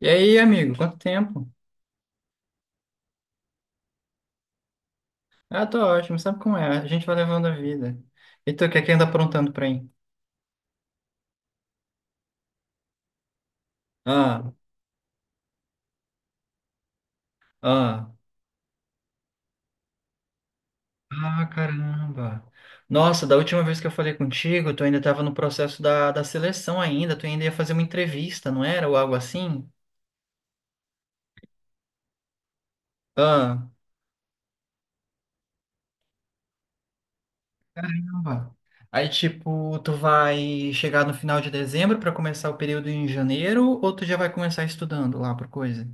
E aí, amigo, quanto tempo? Ah, tô ótimo, sabe como é? A gente vai levando a vida. E tu, o que é que anda aprontando pra mim? Ah, ah, ah, caramba. Nossa, da última vez que eu falei contigo, tu ainda tava no processo da seleção ainda, tu ainda ia fazer uma entrevista, não era? Ou algo assim? Ah, caramba. Aí, tipo, tu vai chegar no final de dezembro pra começar o período em janeiro, ou tu já vai começar estudando lá por coisa?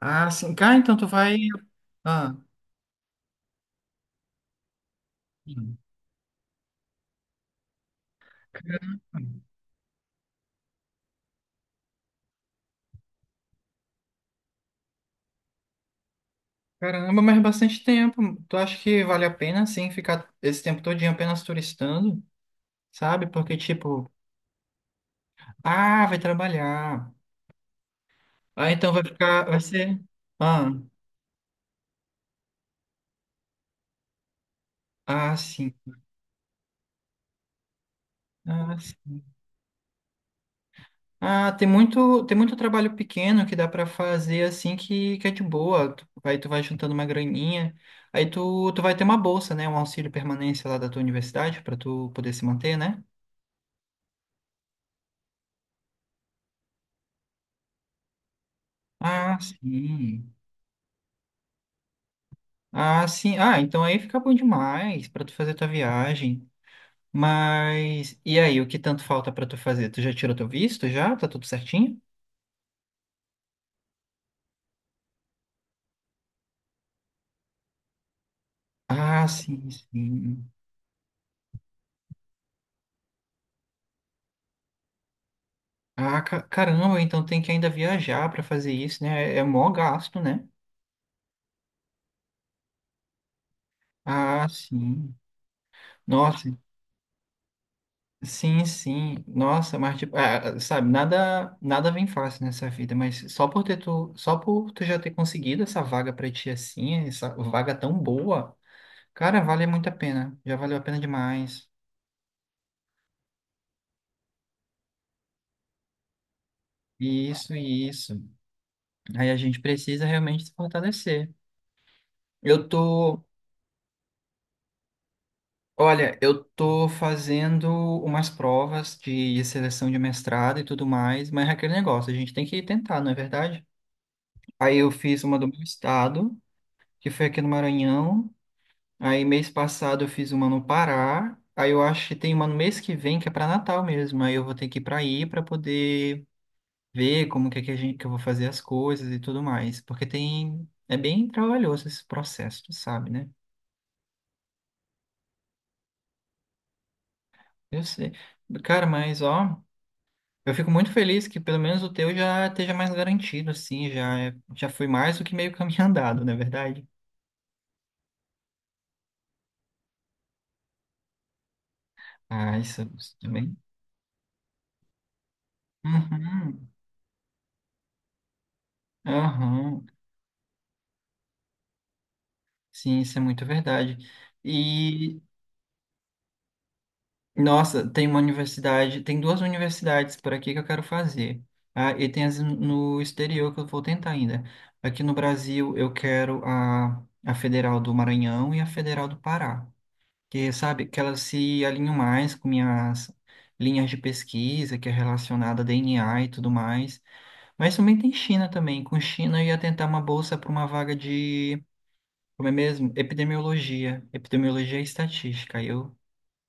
Ah, sim. Cara, então tu vai. Ah, sim. Caramba, mas é bastante tempo. Tu acha que vale a pena, assim, ficar esse tempo todinho apenas turistando, sabe? Porque, tipo, ah, vai trabalhar. Ah, então vai ficar, vai ser... Ah, ah, sim. Ah, sim. Ah, tem muito trabalho pequeno que dá pra fazer, assim, que é de boa. Tu, aí tu vai juntando uma graninha. Aí tu vai ter uma bolsa, né? Um auxílio permanência lá da tua universidade pra tu poder se manter, né? Ah, sim. Ah, sim. Ah, então aí fica bom demais pra tu fazer tua viagem. Mas e aí, o que tanto falta pra tu fazer? Tu já tirou teu visto já? Tá tudo certinho? Ah, sim, sim. Ah, caramba, então tem que ainda viajar pra fazer isso, né? É é mó gasto, né? Ah, sim. Nossa, sim, sim. Nossa, mas tipo, ah, sabe, nada, nada vem fácil nessa vida, mas só por tu já ter conseguido essa vaga pra ti assim, essa vaga tão boa. Cara, vale muito a pena. Já valeu a pena demais. Isso, isso. Aí a gente precisa realmente se fortalecer. Eu tô, olha, eu tô fazendo umas provas de seleção de mestrado e tudo mais, mas é aquele negócio, a gente tem que tentar, não é verdade? Aí eu fiz uma do meu estado, que foi aqui no Maranhão. Aí mês passado eu fiz uma no Pará. Aí eu acho que tem uma no mês que vem que é para Natal mesmo. Aí eu vou ter que ir para aí para poder ver como que, é que, a gente, que eu vou fazer as coisas e tudo mais. Porque tem. É bem trabalhoso esse processo, tu sabe, né? Eu sei. Cara, mas ó, eu fico muito feliz que pelo menos o teu já esteja mais garantido, assim, já, já foi mais do que meio caminho andado, não é verdade? Ah, isso também. Uhum, aham. Sim, isso é muito verdade. E nossa, tem uma universidade, tem duas universidades por aqui que eu quero fazer. Ah, e tem as no exterior que eu vou tentar ainda. Aqui no Brasil eu quero a Federal do Maranhão e a Federal do Pará, que sabe que elas se alinham mais com minhas linhas de pesquisa, que é relacionada a DNA e tudo mais. Mas também tem China também. Com China eu ia tentar uma bolsa para uma vaga de, como é mesmo? Epidemiologia, epidemiologia e estatística. Aí Eu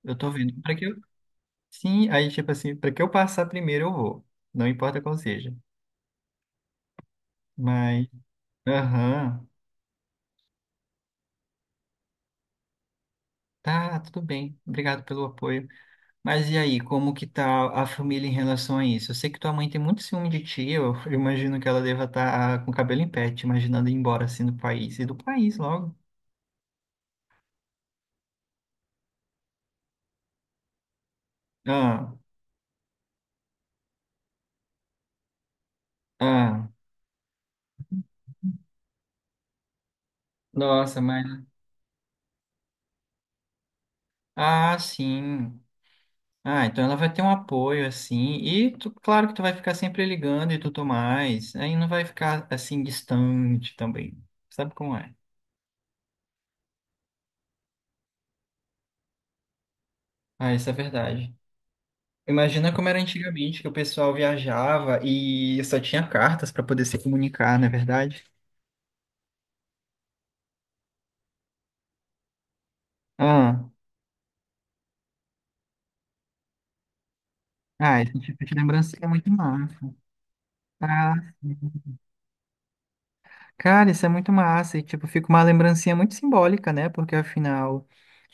eu tô vendo. Sim, aí tipo assim, para que eu passar primeiro eu vou. Não importa qual seja. Mas, aham, tá, tudo bem. Obrigado pelo apoio. Mas e aí, como que tá a família em relação a isso? Eu sei que tua mãe tem muito ciúme de ti, eu imagino que ela deva estar com o cabelo em pé, te imaginando ir embora assim do país. E do país logo. Ah, ah. Nossa, mas. Ah, sim. Ah, então ela vai ter um apoio, assim, e claro que tu vai ficar sempre ligando e tudo mais, aí não vai ficar, assim, distante também, sabe como é? Ah, isso é verdade. Imagina como era antigamente, que o pessoal viajava e só tinha cartas para poder se comunicar, não é verdade? Ah, ah, esse tipo de lembrancinha é muito massa. Ah, sim. Cara, isso é muito massa, e tipo, fica uma lembrancinha muito simbólica, né? Porque afinal...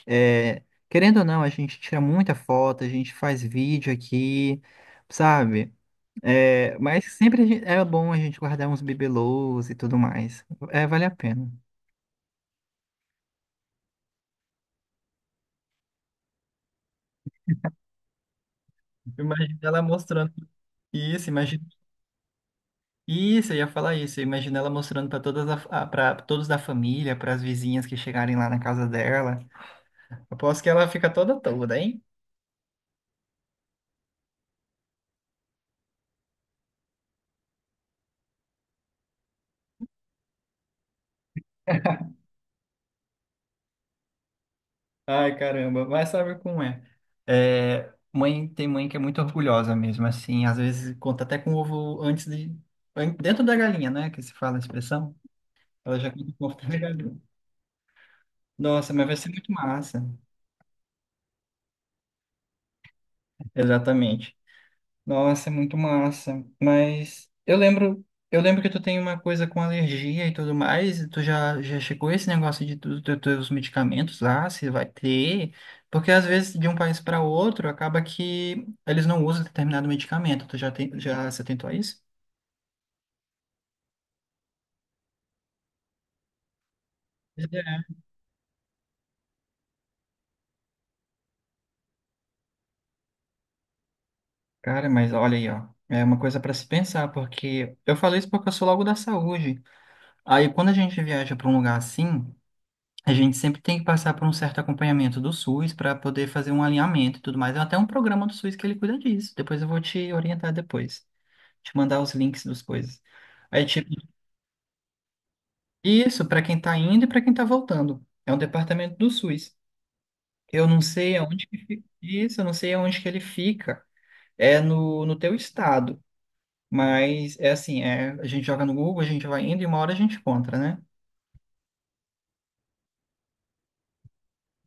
É, querendo ou não, a gente tira muita foto, a gente faz vídeo aqui, sabe? É, mas sempre a é bom a gente guardar uns bibelôs e tudo mais. É, vale a pena. Imagina ela mostrando isso, imagina isso, eu ia falar isso. Imagina ela mostrando para para todos da família, para as vizinhas que chegarem lá na casa dela. Aposto que ela fica toda toda, hein? Ai, caramba, mas sabe como é? É, mãe tem mãe que é muito orgulhosa mesmo, assim, às vezes conta até com o ovo antes de dentro da galinha, né, que se fala a expressão. Ela já conta com o ovo dentro da galinha. Nossa, mas vai ser muito massa. Exatamente. Nossa, é muito massa. Mas eu lembro que tu tem uma coisa com alergia e tudo mais. E tu já, já chegou esse negócio de tu, teus medicamentos lá, se vai ter? Porque às vezes de um país para outro acaba que eles não usam determinado medicamento. Tu já tem, já se atentou a isso? Pois é. Cara, mas olha aí, ó. É uma coisa para se pensar, porque eu falei isso porque eu sou logo da saúde. Aí quando a gente viaja para um lugar assim. A gente sempre tem que passar por um certo acompanhamento do SUS para poder fazer um alinhamento e tudo mais. É até um programa do SUS que ele cuida disso. Depois eu vou te orientar depois, te mandar os links das coisas. Aí, tipo, isso para quem está indo e para quem está voltando. É um departamento do SUS. Eu não sei aonde que fica isso, eu não sei aonde que ele fica. É no teu estado. Mas é assim, é, a gente joga no Google, a gente vai indo e uma hora a gente encontra, né?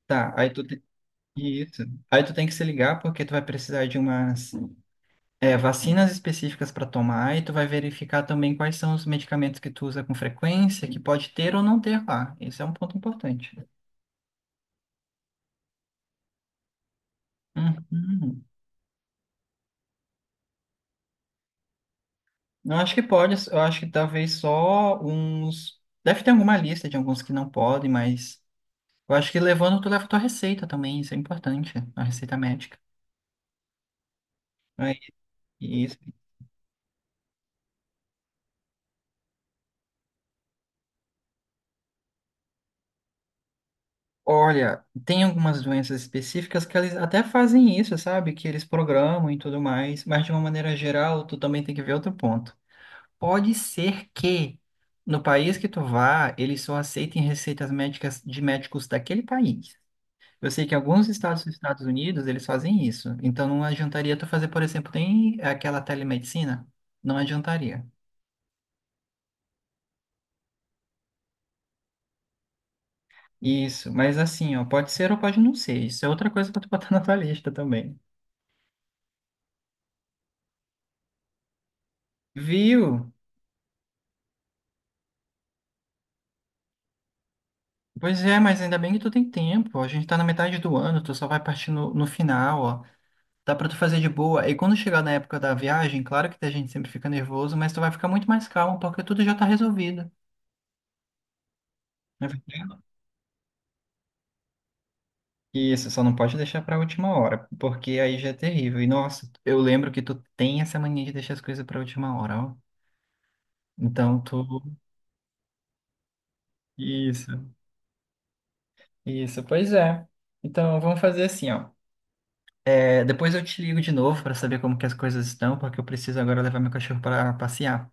Tá, aí tu, isso. Aí tu tem que se ligar porque tu vai precisar de umas é, vacinas específicas para tomar e tu vai verificar também quais são os medicamentos que tu usa com frequência, que pode ter ou não ter lá. Esse é um ponto importante. Uhum. Eu acho que pode, eu acho que talvez só uns. Deve ter alguma lista de alguns que não podem, mas eu acho que levando, tu leva tua receita também, isso é importante, a receita médica. É isso. Olha, tem algumas doenças específicas que eles até fazem isso, sabe? Que eles programam e tudo mais, mas de uma maneira geral, tu também tem que ver outro ponto. Pode ser que no país que tu vá, eles só aceitem receitas médicas de médicos daquele país. Eu sei que alguns estados dos Estados Unidos, eles fazem isso. Então não adiantaria tu fazer, por exemplo, tem aquela telemedicina. Não adiantaria. Isso, mas assim, ó, pode ser ou pode não ser. Isso é outra coisa para tu botar na tua lista também. Viu? Pois é, mas ainda bem que tu tem tempo. A gente tá na metade do ano, tu só vai partir no final, ó. Dá pra tu fazer de boa. E quando chegar na época da viagem, claro que a gente sempre fica nervoso, mas tu vai ficar muito mais calmo porque tudo já tá resolvido. Né? Isso, só não pode deixar pra última hora, porque aí já é terrível. E nossa, eu lembro que tu tem essa mania de deixar as coisas pra última hora, ó. Então tu. Isso, isso, pois é. Então vamos fazer assim, ó. É, depois eu te ligo de novo pra saber como que as coisas estão, porque eu preciso agora levar meu cachorro pra passear.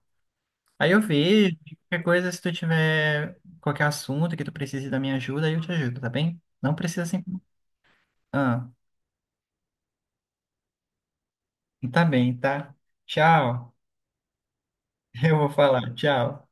Aí eu vejo, qualquer coisa, se tu tiver qualquer assunto que tu precise da minha ajuda, aí eu te ajudo, tá bem? Não precisa assim. Ah, tá bem, tá? Tchau. Eu vou falar, tchau.